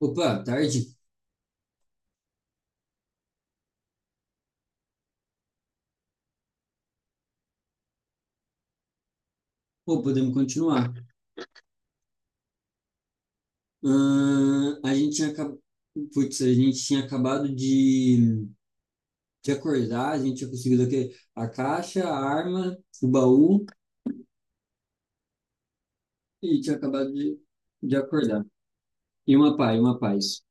Opa, tarde? Pô, podemos continuar. Ahn, a gente tinha, acab- a gente tinha acabado de acordar. A gente tinha conseguido aqui a caixa, a arma, o baú e tinha acabado de acordar. E uma paz, uma paz.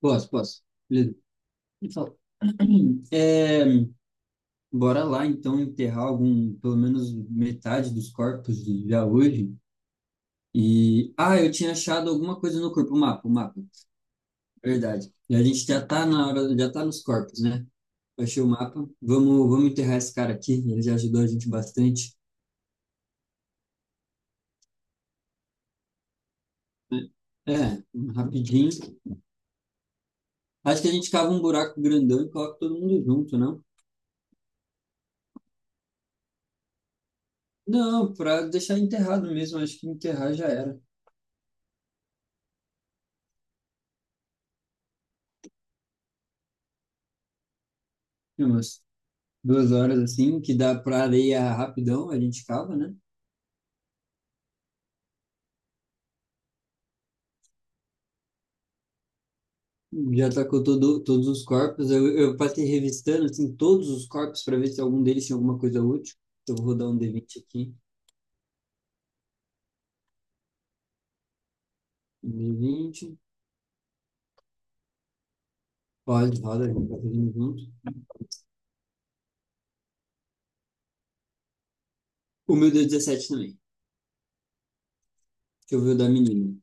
Posso, posso. Beleza. Ele falou, É, bora lá então enterrar algum, pelo menos metade dos corpos de- já hoje. E eu tinha achado alguma coisa no corpo, o mapa, o mapa. Verdade. E a gente já tá na hora, já tá nos corpos, né? Achei o mapa. Vamos, vamos enterrar esse cara aqui. Ele já ajudou a gente bastante. É, rapidinho. Acho que a gente cava um buraco grandão e coloca todo mundo junto, não? Não, pra deixar enterrado mesmo. Acho que enterrar já era. Tem umas duas horas assim, que dá pra areia rapidão, a gente cava, né? Já tacou todo, todos os corpos. Eu passei revistando assim, todos os corpos para ver se algum deles tinha alguma coisa útil. Então, eu vou rodar um d vinte aqui. Um d vinte. Pode, roda, a gente vai fazendo junto. O meu deu 17 também. Deixa eu ver o da menina.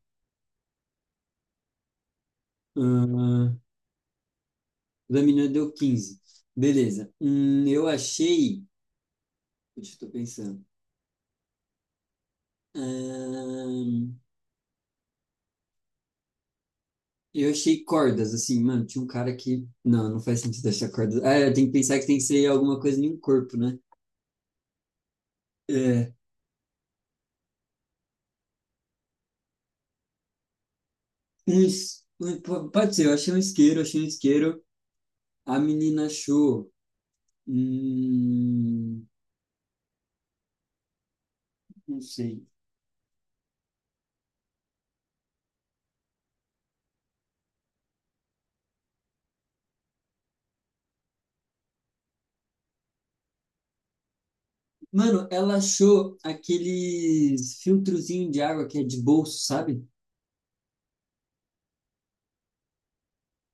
Ah, o da menina deu quinze. Beleza. Eu achei. Deixa eu tô pensando. Ahn, eu achei cordas, assim, mano. Tinha um cara que. Não, não faz sentido achar cordas. Ah, é, tem que pensar que tem que ser alguma coisa em um corpo, né? É, Pode ser, eu achei um isqueiro, achei um isqueiro. A menina achou. Hum, não sei. Mano, ela achou aqueles filtrozinho de água que é de bolso, sabe?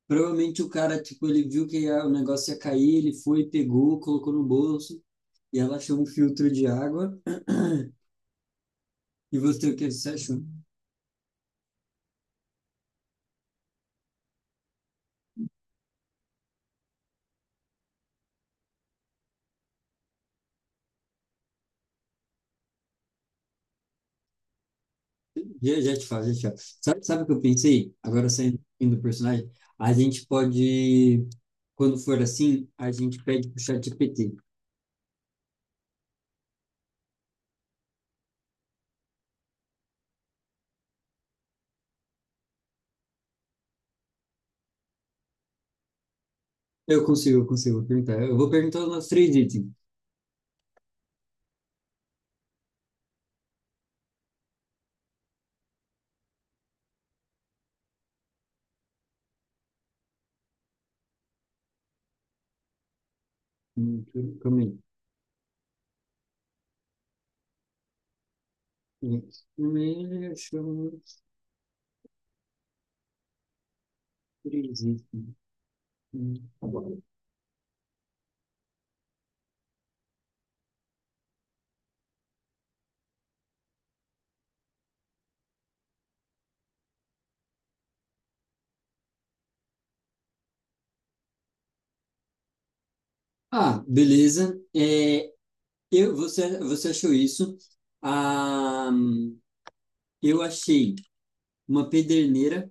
Provavelmente o cara, tipo, ele viu que o negócio ia cair, ele foi, pegou, colocou no bolso, e ela achou um filtro de água. E você, o que você achou? Já, já te falo, já te falo. Sabe, sabe o que eu pensei? Agora saindo do personagem, a gente pode, quando for assim, a gente pede pro chat GPT. Eu consigo, eu vou perguntar. Eu vou perguntar os nossos três itens. Hum, Calma aí. Hum, achamos. Entendi. Tá. Ah, beleza. Você, você achou isso? Ah, eu achei uma pederneira.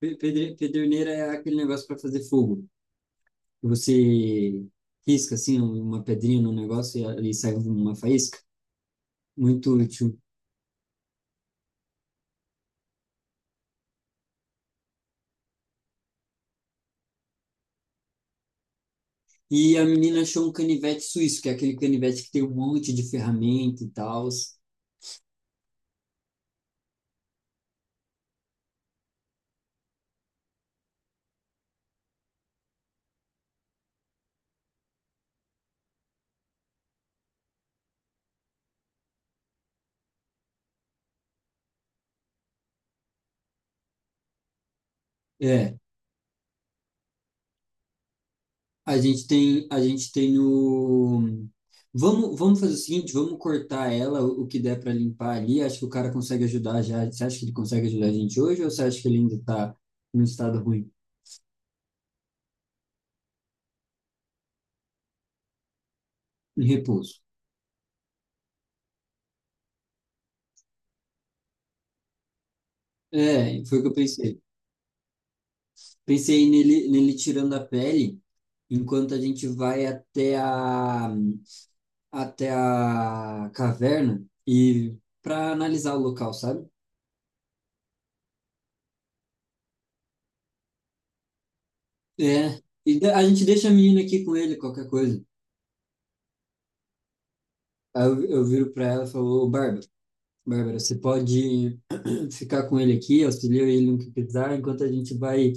Pederneira é aquele negócio para fazer fogo. Que Você risca assim uma pedrinha no negócio e sai uma faísca. Muito útil. E a menina achou um canivete suíço, que é aquele canivete que tem um monte de ferramenta e tal. A gente tem o. Vamos, vamos fazer o seguinte, vamos cortar ela, o que der para limpar ali. Acho que o cara consegue ajudar já. Você acha que ele consegue ajudar a gente hoje ou você acha que ele ainda está num estado ruim, em repouso? É, foi o que eu pensei. Pensei nele, nele tirando a pele enquanto a gente vai até a caverna e para analisar o local, sabe? É, a gente deixa a menina aqui com ele, qualquer coisa. Aí eu viro para ela e falo, "Ô, Bárbara, Bárbara, você pode ficar com ele aqui, auxilia ele no que precisar, enquanto a gente vai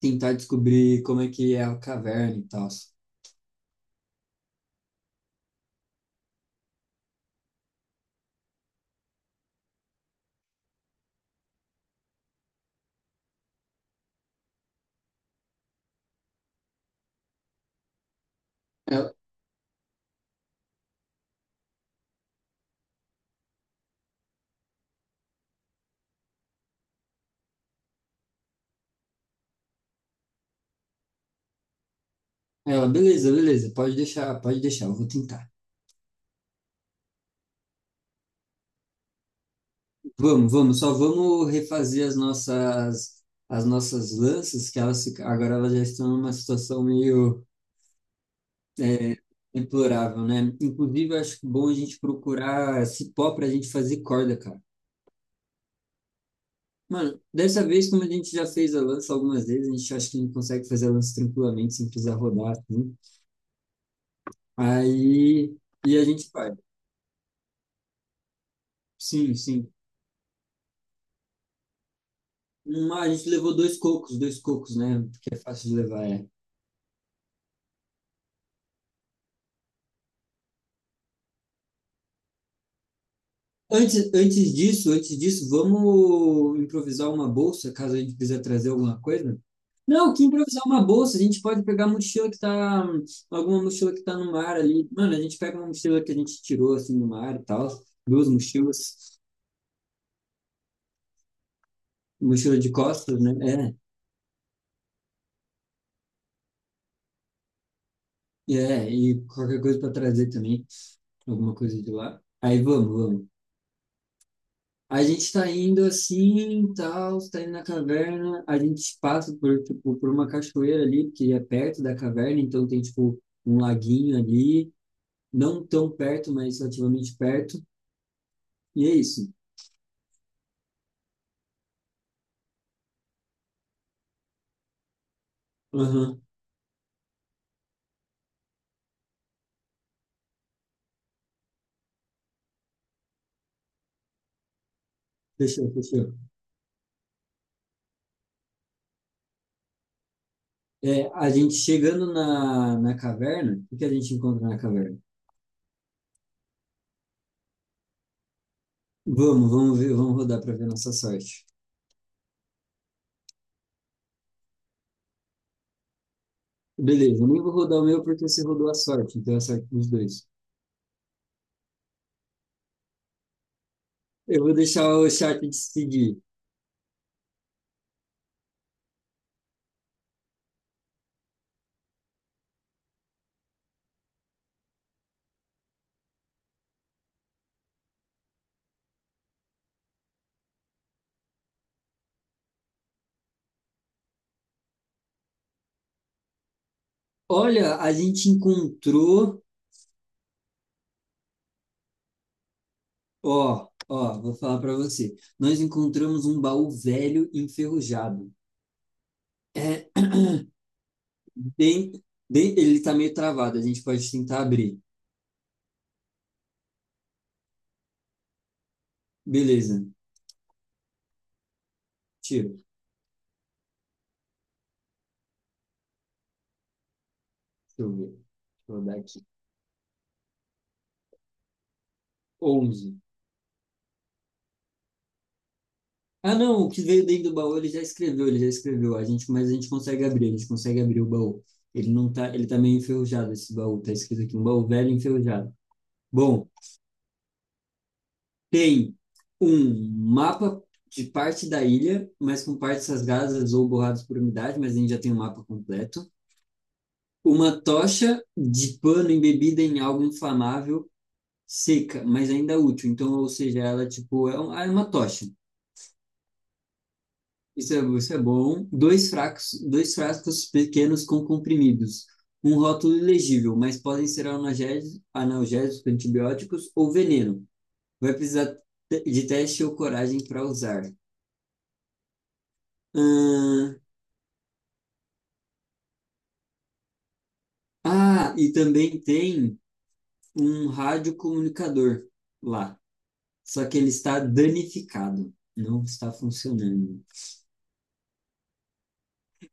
tentar descobrir como é que é a caverna e tal." Ela, beleza, beleza, pode deixar, eu vou tentar. Vamos, vamos, só vamos refazer as nossas lanças, que agora elas já estão numa situação meio é, deplorável, né? Inclusive, eu acho bom a gente procurar cipó para a gente fazer corda, cara. Mano, dessa vez, como a gente já fez a lança algumas vezes, a gente acha que a gente consegue fazer a lança tranquilamente, sem precisar rodar, assim. Aí, e a gente vai. Sim, sim. A gente levou dois cocos, né? Porque é fácil de levar, é. Antes, antes disso, vamos improvisar uma bolsa, caso a gente precise trazer alguma coisa? Não, que improvisar uma bolsa, a gente pode pegar a mochila que tá, alguma mochila que tá no mar ali. Mano, a gente pega uma mochila que a gente tirou, assim, no mar e tal, duas mochilas. Mochila de costas, né? É, é, e qualquer coisa para trazer também, alguma coisa de lá. Aí vamos, vamos. A gente tá indo assim, tal, tá indo na caverna, a gente passa por, tipo, por uma cachoeira ali, que é perto da caverna, então tem, tipo, um laguinho ali, não tão perto, mas relativamente perto, e é isso. Aham, fechou, fechou. É, a gente chegando na caverna, o que que a gente encontra na caverna? Vamos, vamos ver, vamos rodar para ver nossa sorte. Beleza, eu nem vou rodar o meu porque você rodou a sorte, então é a sorte dos dois. Eu vou deixar o chat decidir. Olha, a gente encontrou, ó, ó, vou falar para você. Nós encontramos um baú velho enferrujado. É bem, bem, ele tá meio travado, a gente pode tentar abrir. Beleza, tiro. Deixa eu ver. Deixa eu rodar aqui. Onze. Ah, não, o que veio dentro do baú ele já escreveu, ele já escreveu. A gente, mas a gente consegue abrir, a gente consegue abrir o baú. Ele não tá, ele tá meio enferrujado esse baú, tá escrito aqui, um baú velho enferrujado. Bom, tem um mapa de parte da ilha, mas com partes rasgadas ou borradas por umidade, mas a gente já tem um mapa completo. Uma tocha de pano embebida em algo inflamável, seca, mas ainda útil. Então, ou seja, ela tipo é um- é uma tocha. Isso é bom. Dois frascos pequenos com comprimidos. Um rótulo ilegível, mas podem ser analgésicos, analgésicos, antibióticos ou veneno. Vai precisar de teste ou coragem para usar. ah, e também tem um radiocomunicador lá. Só que ele está danificado. Não está funcionando.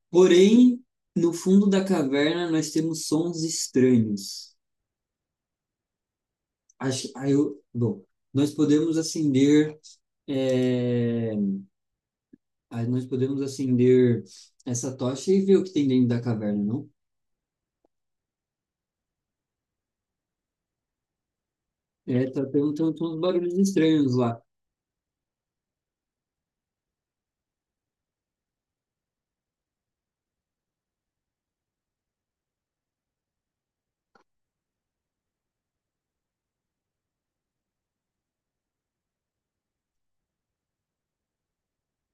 Porém, no fundo da caverna nós temos sons estranhos. Bom, nós podemos acender, é, aí nós podemos acender essa tocha e ver o que tem dentro da caverna, não? É, tendo uns barulhos estranhos lá.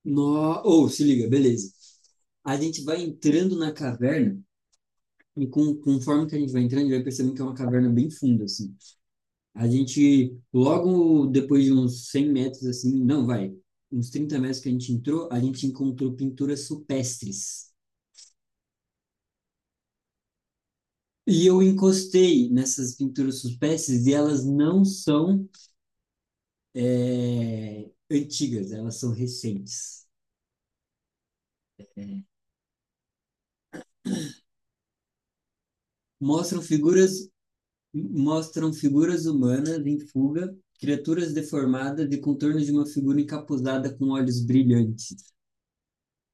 No... Ou, se liga, beleza. A gente vai entrando na caverna conforme que a gente vai entrando, a gente vai percebendo que é uma caverna bem funda, assim. A gente, logo depois de uns 100 metros, assim, não, vai, Uns 30 metros que a gente entrou, a gente encontrou pinturas supestres. E eu encostei nessas pinturas suspensas e elas não são antigas, elas são recentes. Mostram figuras, mostram figuras humanas em fuga, criaturas deformadas e contornos de uma figura encapuzada com olhos brilhantes.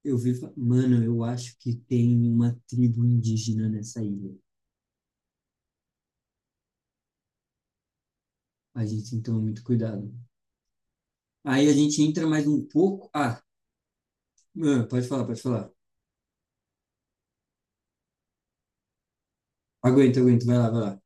Eu vi, mano, eu acho que tem uma tribo indígena nessa ilha. A gente tem que tomar muito cuidado. Aí a gente entra mais um pouco. Ah, mano, pode falar, pode falar. Aguenta, aguenta, vai lá, vai lá.